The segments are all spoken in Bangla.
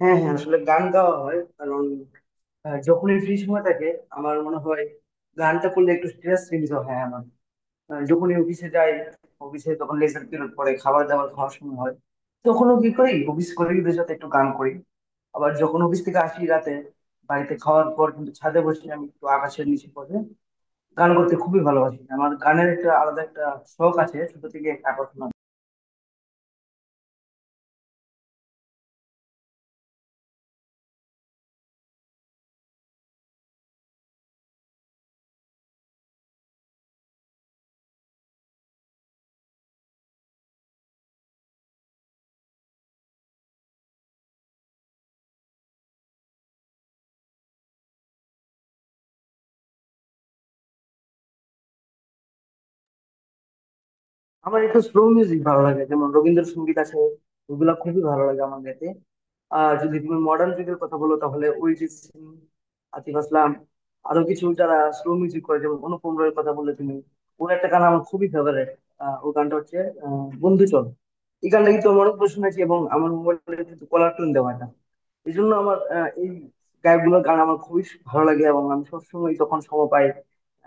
হ্যাঁ, হ্যাঁ, আসলে গান গাওয়া হয় কারণ যখনই ফ্রি সময় থাকে আমার মনে হয় গানটা করলে একটু স্ট্রেস রিলিজ হয়। হ্যাঁ, আমার যখনই অফিসে যাই, অফিসে তখন লেজার পিরিয়ড পরে খাবার দাবার খাওয়ার সময় হয়, তখনও কি করি অফিস কলিগদের সাথে একটু গান করি। আবার যখন অফিস থেকে আসি রাতে, বাড়িতে খাওয়ার পর কিন্তু ছাদে বসে আমি একটু আকাশের নিচে বসে গান করতে খুবই ভালোবাসি। আমার গানের একটা আলাদা একটা শখ আছে, ছোট থেকে একটা আকর্ষণ আছে। আমার একটু স্লো মিউজিক ভালো লাগে, যেমন রবীন্দ্রসঙ্গীত আছে, ওগুলা খুবই ভালো লাগে আমার গাইতে। আর যদি তুমি মডার্ন যুগের কথা বলো তাহলে অরিজিৎ সিং, আতিফ আসলাম, আরো কিছু যারা স্লো মিউজিক করে, যেমন অনুপম রায়ের কথা বললে তুমি, ওর একটা গান আমার খুবই ফেভারিট। ওর গানটা হচ্ছে বন্ধু চল। এই গানটা কিন্তু আমার অনেক শুনেছি এবং আমার মোবাইলে কিন্তু কলার টোন দেওয়া এটা। এই জন্য আমার এই গায়কগুলোর গান আমার খুবই ভালো লাগে এবং আমি সবসময় যখন সময় পাই,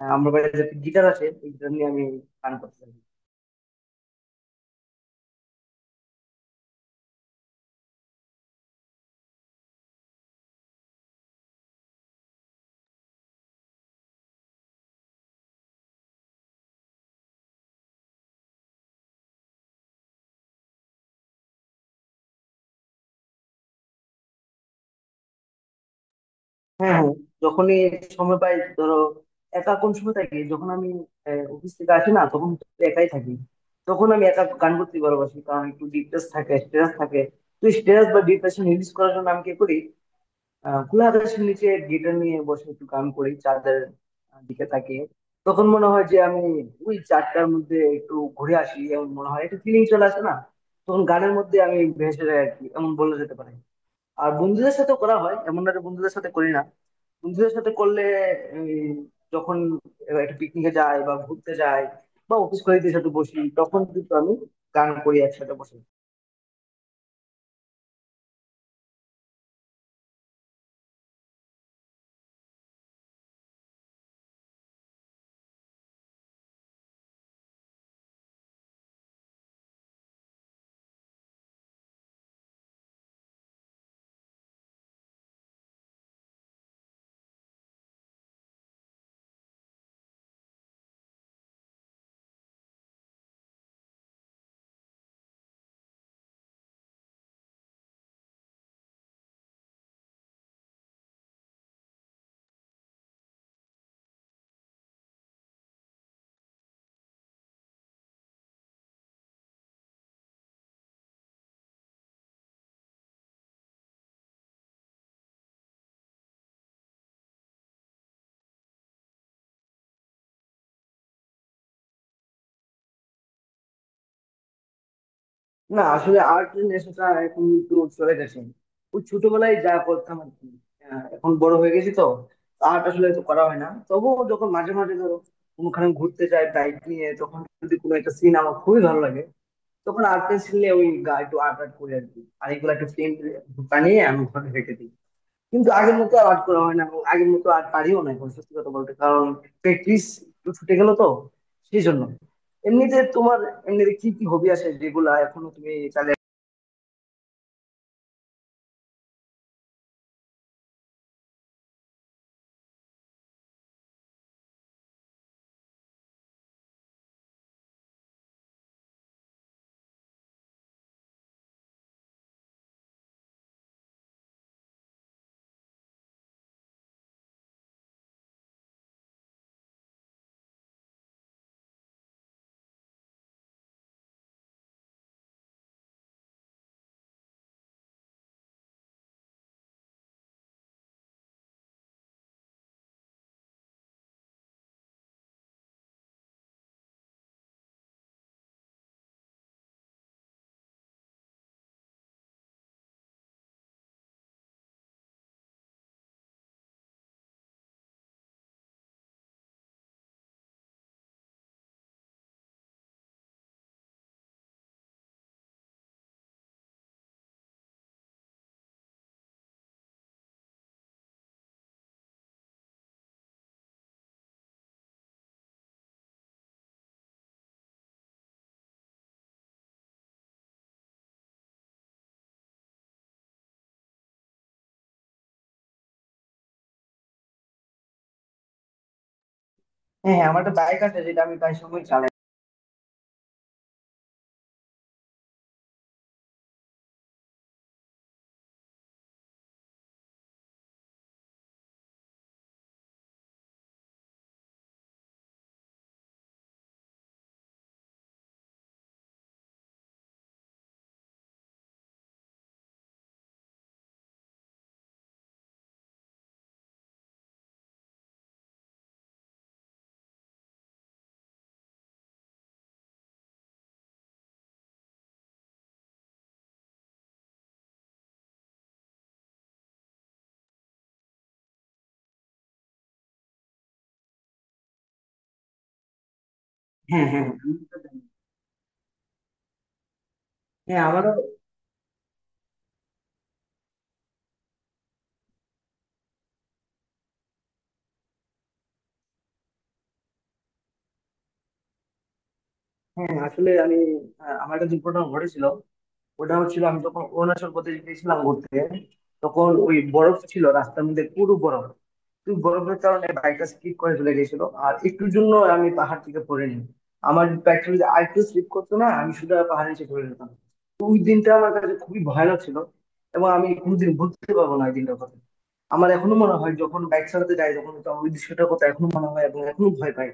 আমার বাড়িতে গিটার আছে, এই গিটার নিয়ে আমি গান করতে থাকি। হ্যাঁ, হ্যাঁ, যখনই সময় পাই ধরো, একা কোন সময় থাকি যখন আমি অফিস থেকে আসি না তখন তো একাই থাকি, তখন আমি একা গান করতে ভালোবাসি, কারণ একটু ডিপ্রেস থাকে, স্ট্রেস থাকে। তো স্ট্রেস বা ডিপ্রেশন রিলিজ করার জন্য আমি কি করি, খোলা আকাশের নিচে গিটার নিয়ে বসে একটু গান করি, চাঁদের দিকে তাকিয়ে। তখন মনে হয় যে আমি ওই চাঁদটার মধ্যে একটু ঘুরে আসি, এমন মনে হয়, একটু ফিলিং চলে আসে না, তখন গানের মধ্যে আমি ভেসে যাই আর কি, এমন বলা যেতে পারে। আর বন্ধুদের সাথে করা হয়, এমন না যে বন্ধুদের সাথে করি না, বন্ধুদের সাথে করলে এই, যখন একটা পিকনিকে যাই বা ঘুরতে যাই, বা অফিস কলিগদের সাথে বসি, তখন কিন্তু আমি গান করি একসাথে বসে। না, আসলে আর্ট নেশাটা এখন কিন্তু চলে গেছে, ওই ছোটবেলায় যা করতাম আর কি। এখন বড় হয়ে গেছি তো, আর্ট আসলে তো করা হয় না। তবুও যখন মাঝে মাঝে ধরো কোনোখানে ঘুরতে যাই বাইক নিয়ে, তখন যদি কোনো একটা সিন আমার খুবই ভালো লাগে তখন আর্ট পেন্সিল নিয়ে ওই একটু আর্ট আর্ট করি আর কি, আর এগুলো একটা ফ্রেম বানিয়ে আমি ঘরে রেখে দিই। কিন্তু আগের মতো আর আর্ট করা হয় না, এবং আগের মতো আর পারিও না এখন, সত্যি কথা বলতে, কারণ প্র্যাকটিস একটু ছুটে গেল তো, সেই জন্য। এমনিতে তোমার, এমনিতে কি কি হবি আছে যেগুলা এখনো তুমি চালিয়ে? হ্যাঁ, হ্যাঁ, আমার একটা বাইক আছে যেটা আমি প্রায় সময় চালাই। হ্যাঁ, হ্যাঁ, হ্যাঁ, আমি তো জানি। হ্যাঁ, আমারও। হ্যাঁ, আসলে আমি আমার একটা দুর্ঘটনা ঘটেছিল। ওটা হচ্ছিল আমি যখন অরুণাচল প্রদেশ গেছিলাম ঘুরতে, তখন ওই বরফ ছিল রাস্তার মধ্যে, পুরো বরফ। তুই বরফের কারণে বাইকটা স্লিপ করে চলে গেছিল, আর একটুর জন্য আমি পাহাড় থেকে পড়ে নি। আমার বাইকটা যদি আরেকটু স্লিপ করতো না, আমি শুধু পাহাড়ের নিচে পড়ে যেতাম। তো ওই দিনটা আমার কাছে খুবই ভয়ানক ছিল, এবং আমি কোনোদিন ভুলতে পারবো না ওই দিনটার কথা। আমার এখনো মনে হয় যখন বাইক চালাতে যাই তখন তো ওই দৃশ্যটার কথা এখনো মনে হয় এবং এখনো ভয় পাই।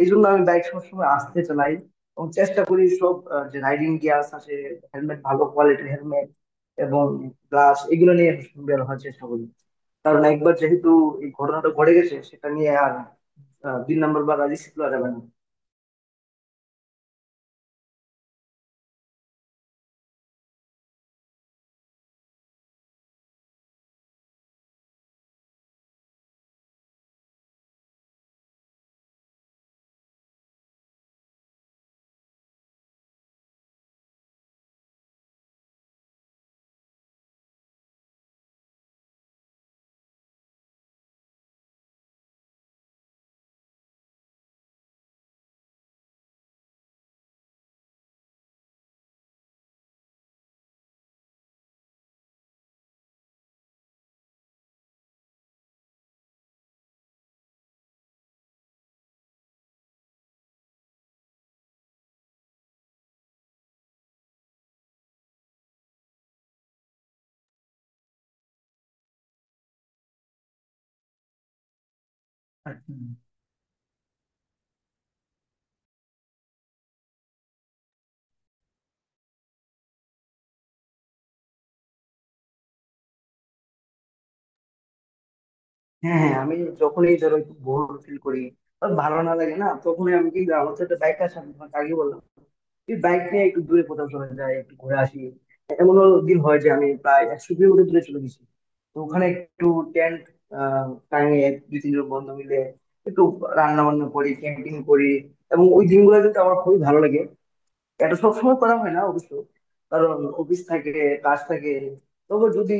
এই জন্য আমি বাইক সবসময় আস্তে চালাই, এবং চেষ্টা করি সব যে রাইডিং গিয়ার্স আছে, হেলমেট, ভালো কোয়ালিটির হেলমেট এবং গ্লাস, এগুলো নিয়ে বের হওয়ার চেষ্টা করি। কারণ একবার যেহেতু এই ঘটনাটা ঘটে গেছে, সেটা নিয়ে আর দুই নাম্বার বার রাজি শিখলো যাবে না। হ্যাঁ, হ্যাঁ, আমি যখনই ধরো একটু বোর ফিল করি আর ভালো না লাগে না, তখনই আমি কিন্তু, আমার সাথে বাইক আসে, আমি তোমাকে আগে বললাম, এই বাইক নিয়ে একটু দূরে কোথাও চলে যাই, একটু ঘুরে আসি। এমনও দিন হয় যে আমি প্রায় 100 কিলোমিটার দূরে চলে গেছি। তো ওখানে একটু টেন্ট আহ টাঙিয়ে দুই তিনজন বন্ধু মিলে একটু রান্না বান্না করি, ক্যাম্পিং করি, এবং ওই দিনগুলো কিন্তু আমার খুবই ভালো লাগে। এটা সবসময় করা হয় না অবশ্য, কারণ অফিস থাকে, কাজ থাকে। তবে যদি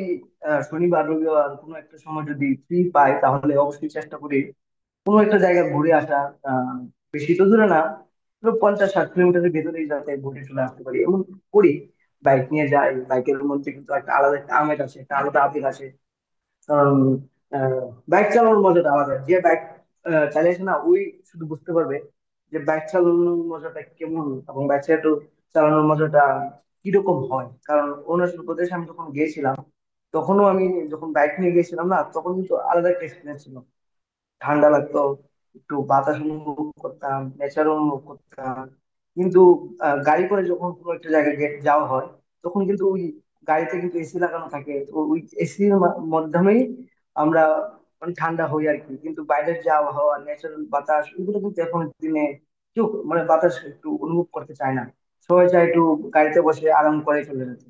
শনিবার রবিবার কোনো একটা সময় যদি ফ্রি পাই তাহলে অবশ্যই চেষ্টা করি কোনো একটা জায়গা ঘুরে আসা। আহ, বেশি তো দূরে না, ধরো 50-60 কিলোমিটারের ভেতরেই যাতে ঘুরে চলে আসতে পারি, এমন করি। বাইক নিয়ে যাই, বাইকের মধ্যে কিন্তু একটা আলাদা একটা আমেজ আছে, একটা আলাদা আবেগ আছে। কারণ বাইক চালানোর মজাটা আলাদা, যে বাইক চালিয়েছে না ওই শুধু বুঝতে পারবে যে বাইক চালানোর মজাটা কেমন, এবং বাইক চালানোর মজাটা কিরকম হয়। কারণ অরুণাচল প্রদেশে আমি যখন গিয়েছিলাম, তখনও আমি, যখন বাইক নিয়ে গিয়েছিলাম না, তখন কিন্তু আলাদা একটা এক্সপিরিয়েন্স ছিল। ঠান্ডা লাগতো, একটু বাতাস অনুভব করতাম, নেচার অনুভব করতাম। কিন্তু গাড়ি করে যখন কোনো একটা জায়গায় যাওয়া হয়, তখন কিন্তু ওই গাড়িতে কিন্তু এসি লাগানো থাকে, তো ওই এসির মাধ্যমেই আমরা মানে ঠান্ডা হই আর কি। কিন্তু বাইরের যে আবহাওয়া, ন্যাচারাল বাতাস, ওগুলো কিন্তু এখন দিনে কেউ মানে বাতাস একটু অনুভব করতে চায় না, সবাই চায় একটু গাড়িতে বসে আরাম করে চলে যেতে।